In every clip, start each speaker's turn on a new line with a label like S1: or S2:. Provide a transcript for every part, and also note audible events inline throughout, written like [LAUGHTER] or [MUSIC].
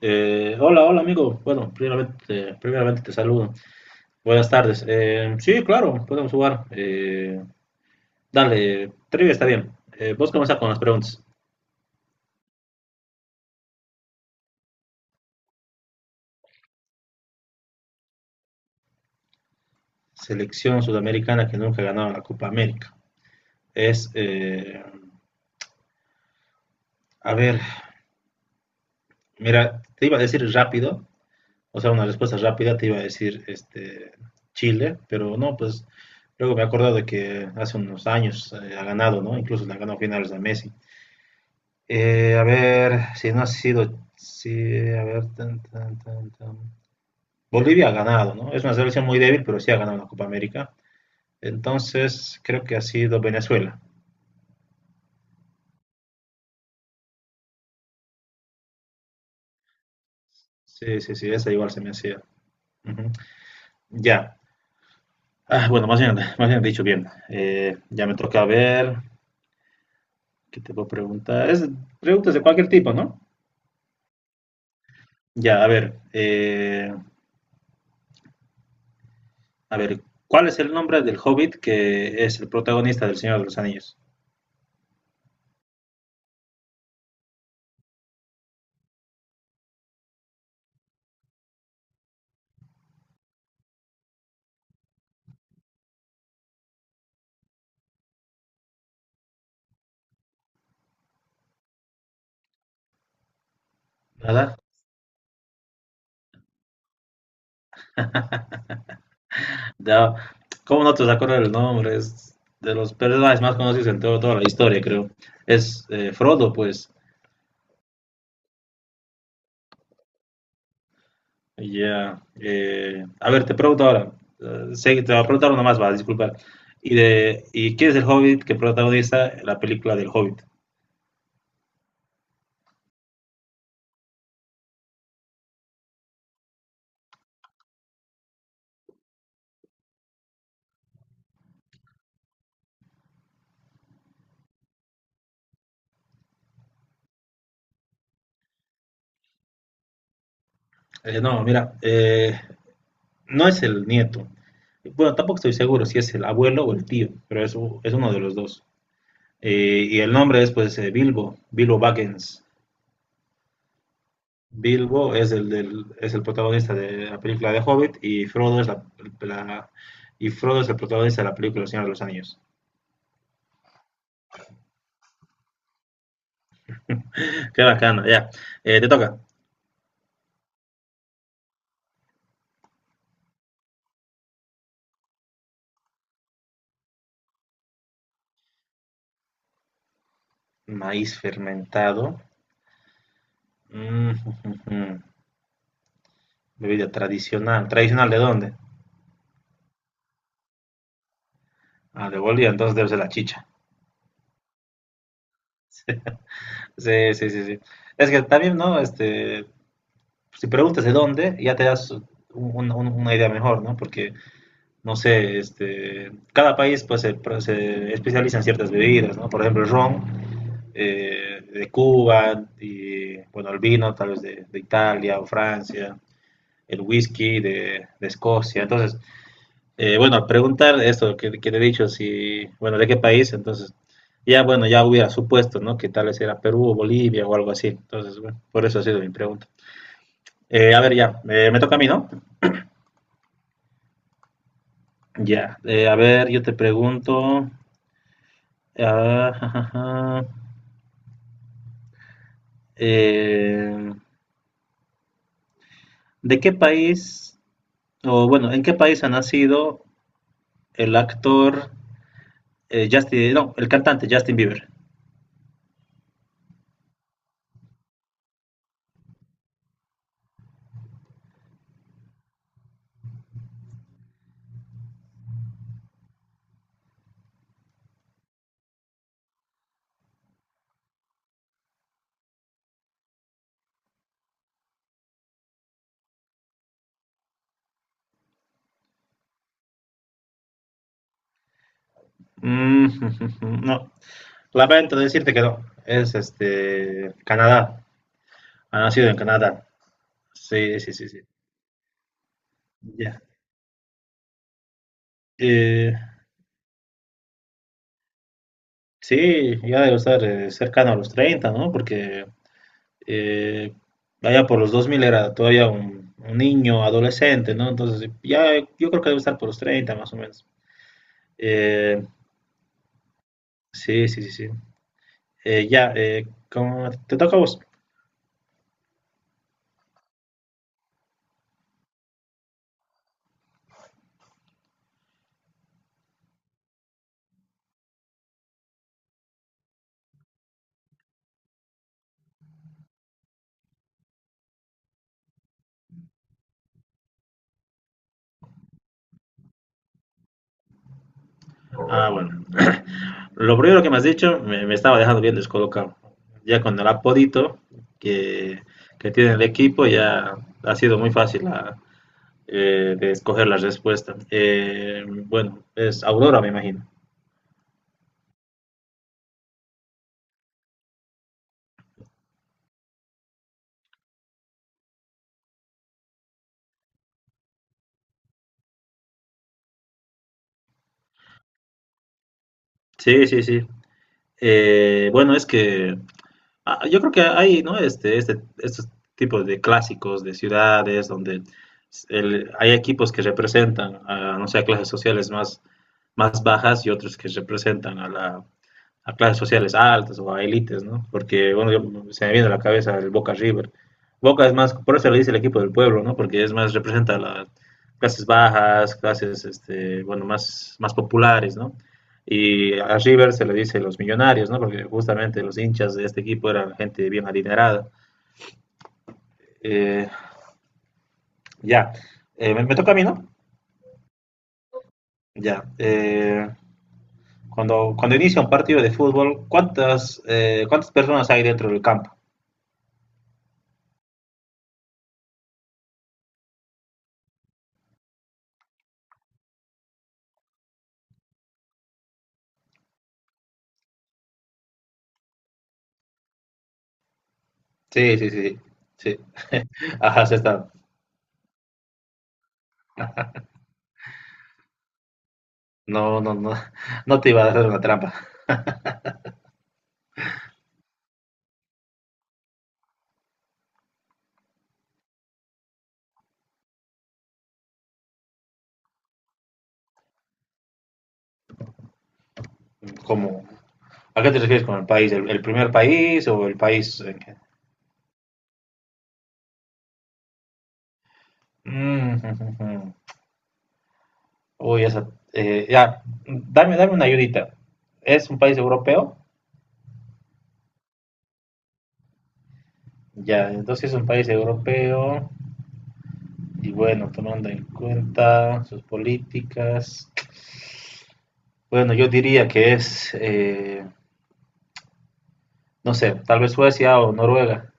S1: Hola, hola amigo. Bueno, primeramente te saludo. Buenas tardes. Sí, claro, podemos jugar. Dale, trivia está bien. Vos comenzás con las preguntas. Selección sudamericana que nunca ha ganado la Copa América. Es, eh, a ver, mira, te iba a decir rápido, o sea, una respuesta rápida, te iba a decir Chile, pero no, pues luego me he acordado de que hace unos años ha ganado, ¿no? Incluso le ha ganado finales a Messi. A ver, si no ha sido, si, a ver, tan, tan, tan, tan. Bolivia ha ganado, ¿no? Es una selección muy débil, pero sí ha ganado la Copa América. Entonces, creo que ha sido Venezuela. Sí, sí, sí, esa igual se me hacía. Ujú. Ya. Ah, bueno, más bien dicho, bien. Ya me toca ver, ¿qué te puedo preguntar? Es preguntas de cualquier tipo, ¿no? Ya, a ver, ¿cuál es el nombre del hobbit que es el protagonista del Señor de los Anillos? Nada, ya, ¿cómo no te vas a acordar el nombre? Es de los personajes más conocidos en toda la historia, creo. Es Frodo, pues. Ya. A ver, te pregunto ahora. Sé que te va a preguntar uno más, va, disculpa. ¿Y quién es el Hobbit que protagoniza la película del Hobbit? No, mira, no es el nieto. Bueno, tampoco estoy seguro si es el abuelo o el tío, pero es uno de los dos. Y el nombre es, pues, Bilbo, Bilbo Baggins. Bilbo es el protagonista de la película de Hobbit, y la- Frodo es el protagonista de la película El Señor de los Anillos. Qué bacana, ya. Te toca. Maíz fermentado. Mm. [LAUGHS] Bebida tradicional. ¿Tradicional de dónde? Ah, de Bolivia, entonces debe ser la chicha. Sí, sí, sí, sí. Es que también, ¿no? Si preguntas de dónde, ya te das una idea mejor, ¿no? Porque no sé, cada país pues se especializa en ciertas bebidas, ¿no? Por ejemplo, el ron de Cuba, y bueno, el vino tal vez de, de, Italia o Francia, el whisky de Escocia. Entonces, bueno, al preguntar esto que te he dicho, si, bueno, de qué país, entonces, ya bueno, ya hubiera supuesto, ¿no? Que tal vez era Perú o Bolivia o algo así. Entonces, bueno, por eso ha sido mi pregunta. A ver, ya, me toca a mí, ¿no? Ya, a ver, yo te pregunto. ah, [LAUGHS] Eh, ¿De qué país, o bueno, en qué país ha nacido el actor, Justin, no, el cantante Justin Bieber? Mm, [LAUGHS] no, lamento decirte que no, es Canadá, ha nacido en Canadá. Sí, sí, sí, sí. Ya. Eh, sí, ya debe estar cercano a los treinta, ¿no? Porque eh, allá por los 2000 era todavía un niño, adolescente, ¿no? Entonces, ya yo creo que debe estar por los 30 más o menos. Eh, sí, sí, sí, sí. Ya, ¿Cómo te toca a vos? Ah, bueno. [CLEARS THROAT] Lo primero que me has dicho me estaba dejando bien descolocado. Ya con el apodito que, que tiene el equipo, ya ha sido muy fácil de escoger la respuesta. Bueno, es Aurora, me imagino. Sí, sí, sí. Bueno, es que ah, yo creo que hay, ¿no? Estos tipos de clásicos de ciudades donde hay equipos que representan a, no sé, a clases sociales más bajas y otros que representan a clases sociales altas o a élites, ¿no? Porque, bueno, se me viene a la cabeza el Boca River. Boca es más, por eso le dice el equipo del pueblo, ¿no? Porque es más, representa las clases bajas, clases, bueno, más populares, ¿no? Y a River se le dice los millonarios, ¿no? Porque justamente los hinchas de este equipo eran gente bien adinerada. Eh, ya, me toca a mí, ¿no? Ya. Cuando inicia un partido de fútbol, ¿cuántas personas hay dentro del campo? Sí, sí, sí, sí. [LAUGHS] Ajá, sí está. No, no, no, no te iba a hacer una trampa. Como ¿A qué te refieres con el país? ¿El primer país o el país en que... Mm. [LAUGHS] Uy, esa, ya, dame una ayudita. ¿Es un país europeo? Ya, entonces es un país europeo y bueno, tomando en cuenta sus políticas. Bueno, yo diría que es, no sé, tal vez Suecia o Noruega.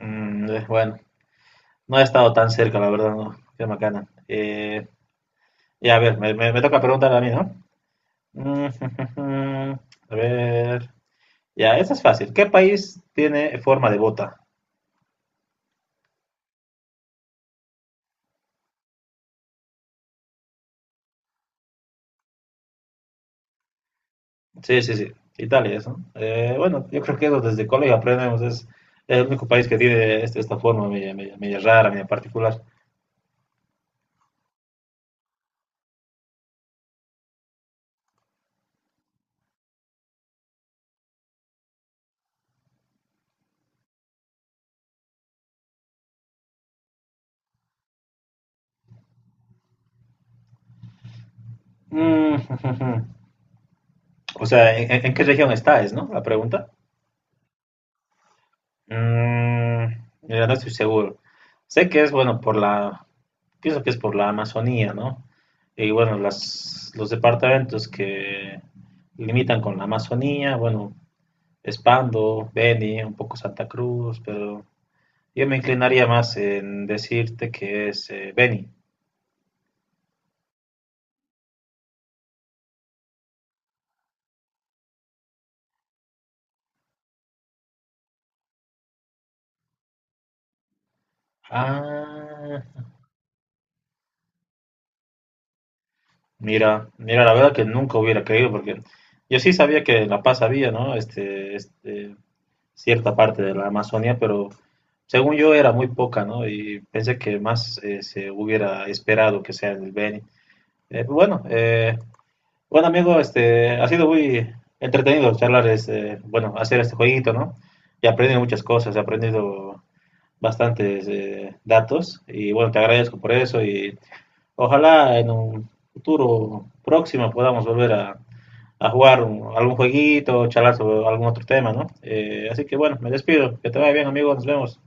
S1: Bueno. No he estado tan cerca, la verdad, no. Qué macana. Ya, a ver, me toca preguntar a mí, ¿no? Mm. [LAUGHS] A ver. Ya, esa es fácil. ¿Qué país tiene forma de bota? Sí, sí, sí. Italia, eso. Bueno, yo creo que eso desde colegio aprendemos. Es el único país que tiene esta forma media rara, media particular. Mm. [LAUGHS] O sea, ¿en qué región está, es, no? La pregunta. Mm, mira, no estoy seguro. Sé que es, bueno, por la, pienso que es por la Amazonía, ¿no? Y bueno, los departamentos que limitan con la Amazonía, bueno, Espando, Beni, un poco Santa Cruz, pero yo me inclinaría más en decirte que es, Beni. Ah, mira, mira, la verdad que nunca hubiera creído, porque yo sí sabía que en La Paz había, ¿no? Cierta parte de la Amazonia, pero según yo era muy poca, ¿no? Y pensé que más, se hubiera esperado que sea en el Beni. Pues bueno, bueno amigo, ha sido muy entretenido charlar, bueno, hacer este jueguito, ¿no? Y aprendí muchas cosas, he aprendido bastantes, datos, y bueno, te agradezco por eso, y ojalá en un futuro próximo podamos volver a jugar algún jueguito, charlar sobre algún otro tema, ¿no? Así que bueno, me despido. Que te vaya bien, amigos. Nos vemos.